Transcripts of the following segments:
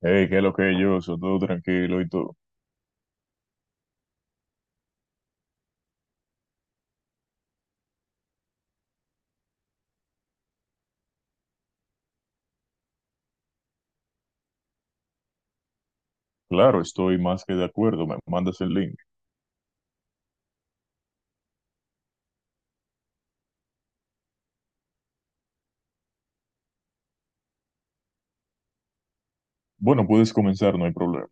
Hey, ¿qué es lo que yo? Soy todo tranquilo y todo. Claro, estoy más que de acuerdo. Me mandas el link. Bueno, puedes comenzar, no hay problema.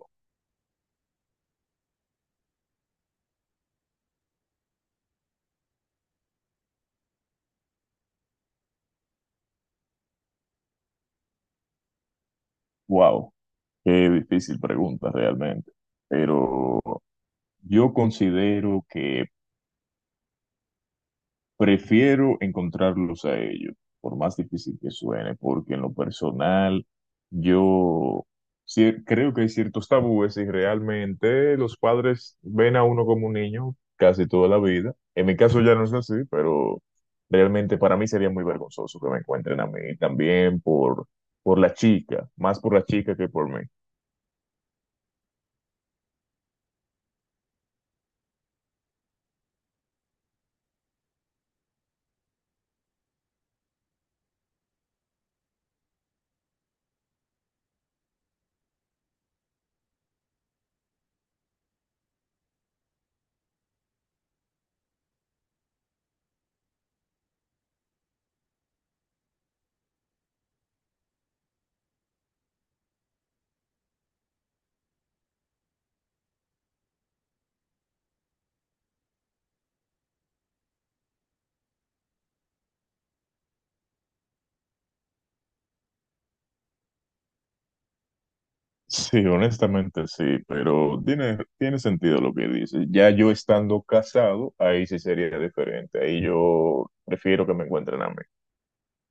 Wow, qué difícil pregunta realmente. Pero yo considero que prefiero encontrarlos a ellos, por más difícil que suene, porque en lo personal yo sí creo que hay ciertos tabúes y realmente los padres ven a uno como un niño casi toda la vida. En mi caso ya no es así, pero realmente para mí sería muy vergonzoso que me encuentren a mí también por la chica, más por la chica que por mí. Sí, honestamente sí, pero tiene sentido lo que dices. Ya yo estando casado, ahí sí sería diferente. Ahí yo prefiero que me encuentren a mí.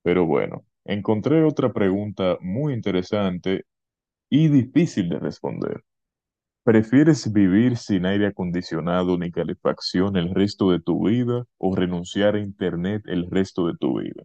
Pero bueno, encontré otra pregunta muy interesante y difícil de responder. ¿Prefieres vivir sin aire acondicionado ni calefacción el resto de tu vida o renunciar a internet el resto de tu vida?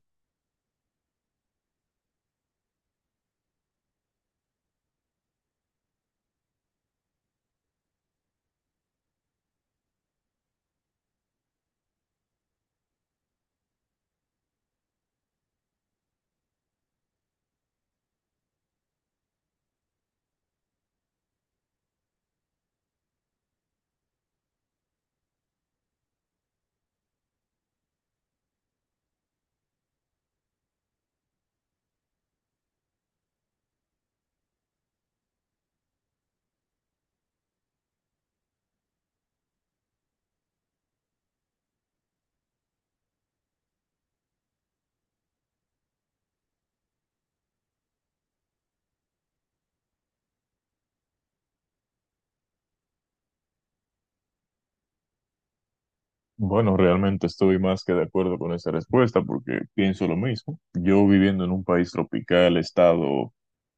Bueno, realmente estoy más que de acuerdo con esa respuesta porque pienso lo mismo. Yo viviendo en un país tropical, estado,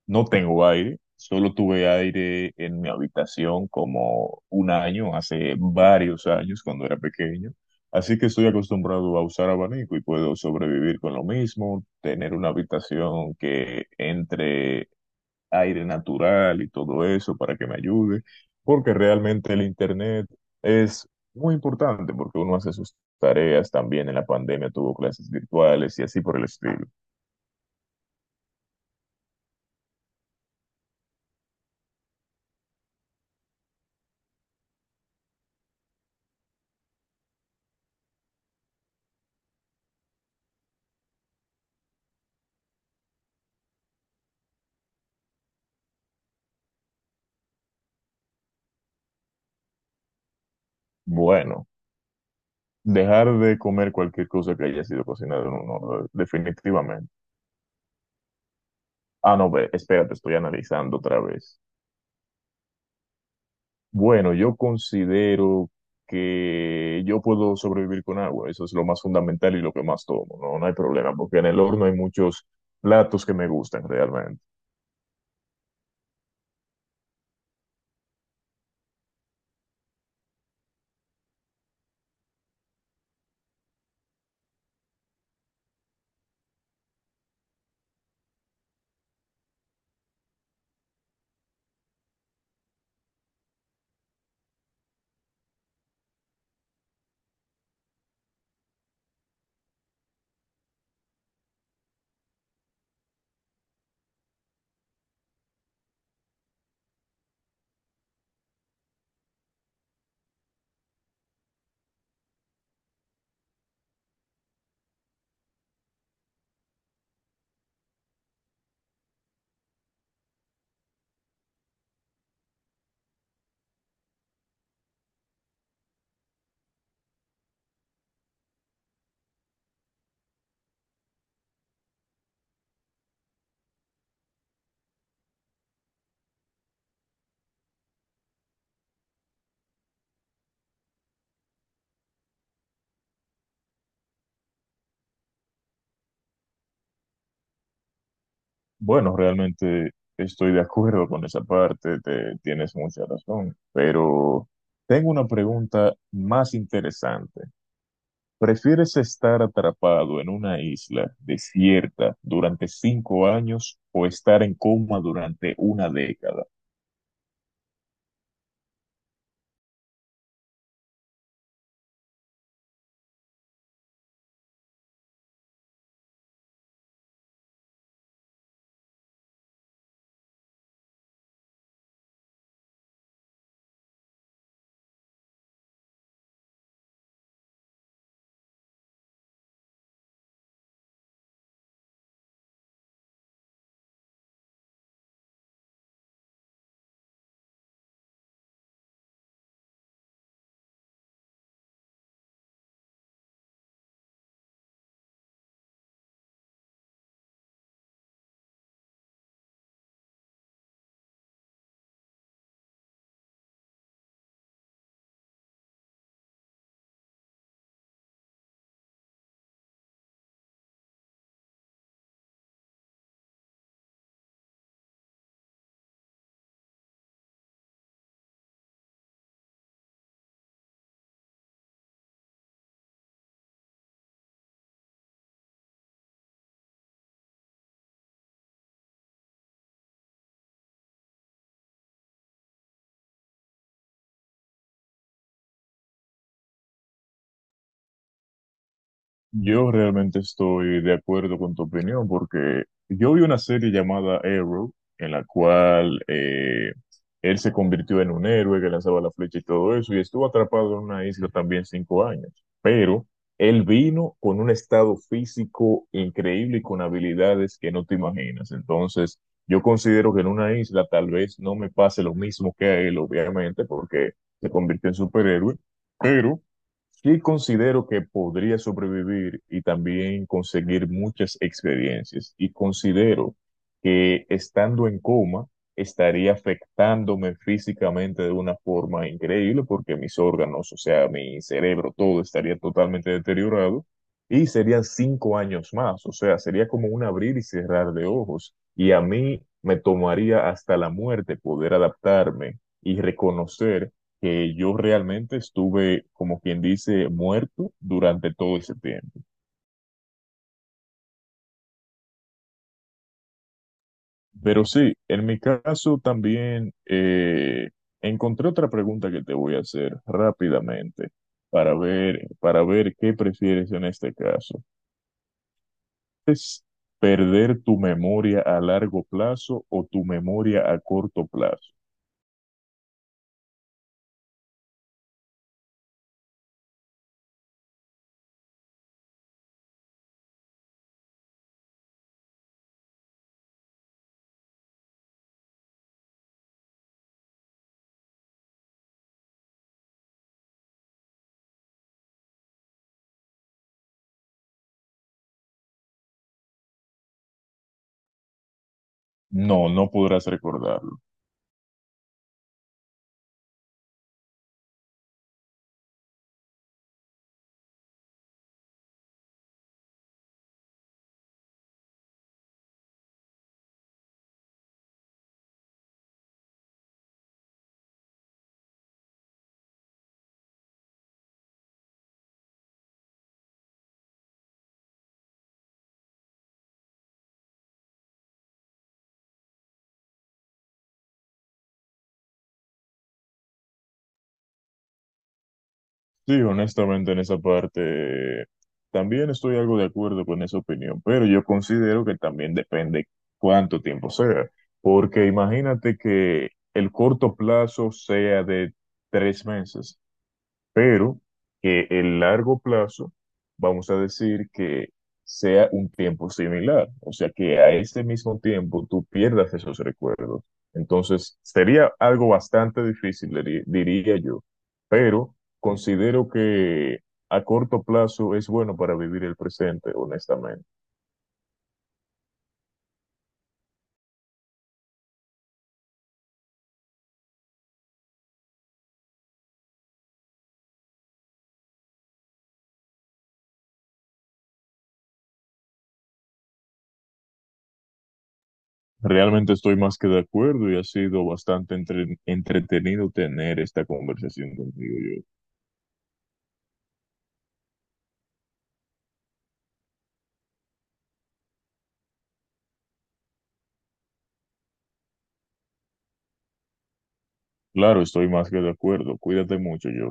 no tengo aire, solo tuve aire en mi habitación como un año, hace varios años cuando era pequeño. Así que estoy acostumbrado a usar abanico y puedo sobrevivir con lo mismo, tener una habitación que entre aire natural y todo eso para que me ayude, porque realmente el internet es muy importante porque uno hace sus tareas también en la pandemia, tuvo clases virtuales y así por el estilo. Bueno, dejar de comer cualquier cosa que haya sido cocinada en un horno, definitivamente. Ah, no, ve, espérate, estoy analizando otra vez. Bueno, yo considero que yo puedo sobrevivir con agua, eso es lo más fundamental y lo que más tomo, no, no hay problema, porque en el horno hay muchos platos que me gustan realmente. Bueno, realmente estoy de acuerdo con esa parte, tienes mucha razón, pero tengo una pregunta más interesante. ¿Prefieres estar atrapado en una isla desierta durante 5 años o estar en coma durante una década? Yo realmente estoy de acuerdo con tu opinión porque yo vi una serie llamada Arrow en la cual él se convirtió en un héroe que lanzaba la flecha y todo eso y estuvo atrapado en una isla también 5 años. Pero él vino con un estado físico increíble y con habilidades que no te imaginas. Entonces, yo considero que en una isla tal vez no me pase lo mismo que a él, obviamente, porque se convirtió en superhéroe. Pero sí considero que podría sobrevivir y también conseguir muchas experiencias. Y considero que estando en coma estaría afectándome físicamente de una forma increíble porque mis órganos, o sea, mi cerebro, todo estaría totalmente deteriorado y serían 5 años más. O sea, sería como un abrir y cerrar de ojos. Y a mí me tomaría hasta la muerte poder adaptarme y reconocer que yo realmente estuve, como quien dice, muerto durante todo ese tiempo. Pero sí, en mi caso también encontré otra pregunta que te voy a hacer rápidamente para ver qué prefieres en este caso. ¿Es perder tu memoria a largo plazo o tu memoria a corto plazo? No, no podrás recordarlo. Sí, honestamente en esa parte también estoy algo de acuerdo con esa opinión, pero yo considero que también depende cuánto tiempo sea, porque imagínate que el corto plazo sea de 3 meses pero que el largo plazo, vamos a decir que sea un tiempo similar, o sea, que a ese mismo tiempo tú pierdas esos recuerdos. Entonces, sería algo bastante difícil, diría yo, pero considero que a corto plazo es bueno para vivir el presente, honestamente. Realmente estoy más que de acuerdo y ha sido bastante entretenido tener esta conversación contigo, yo. Claro, estoy más que de acuerdo. Cuídate mucho, yo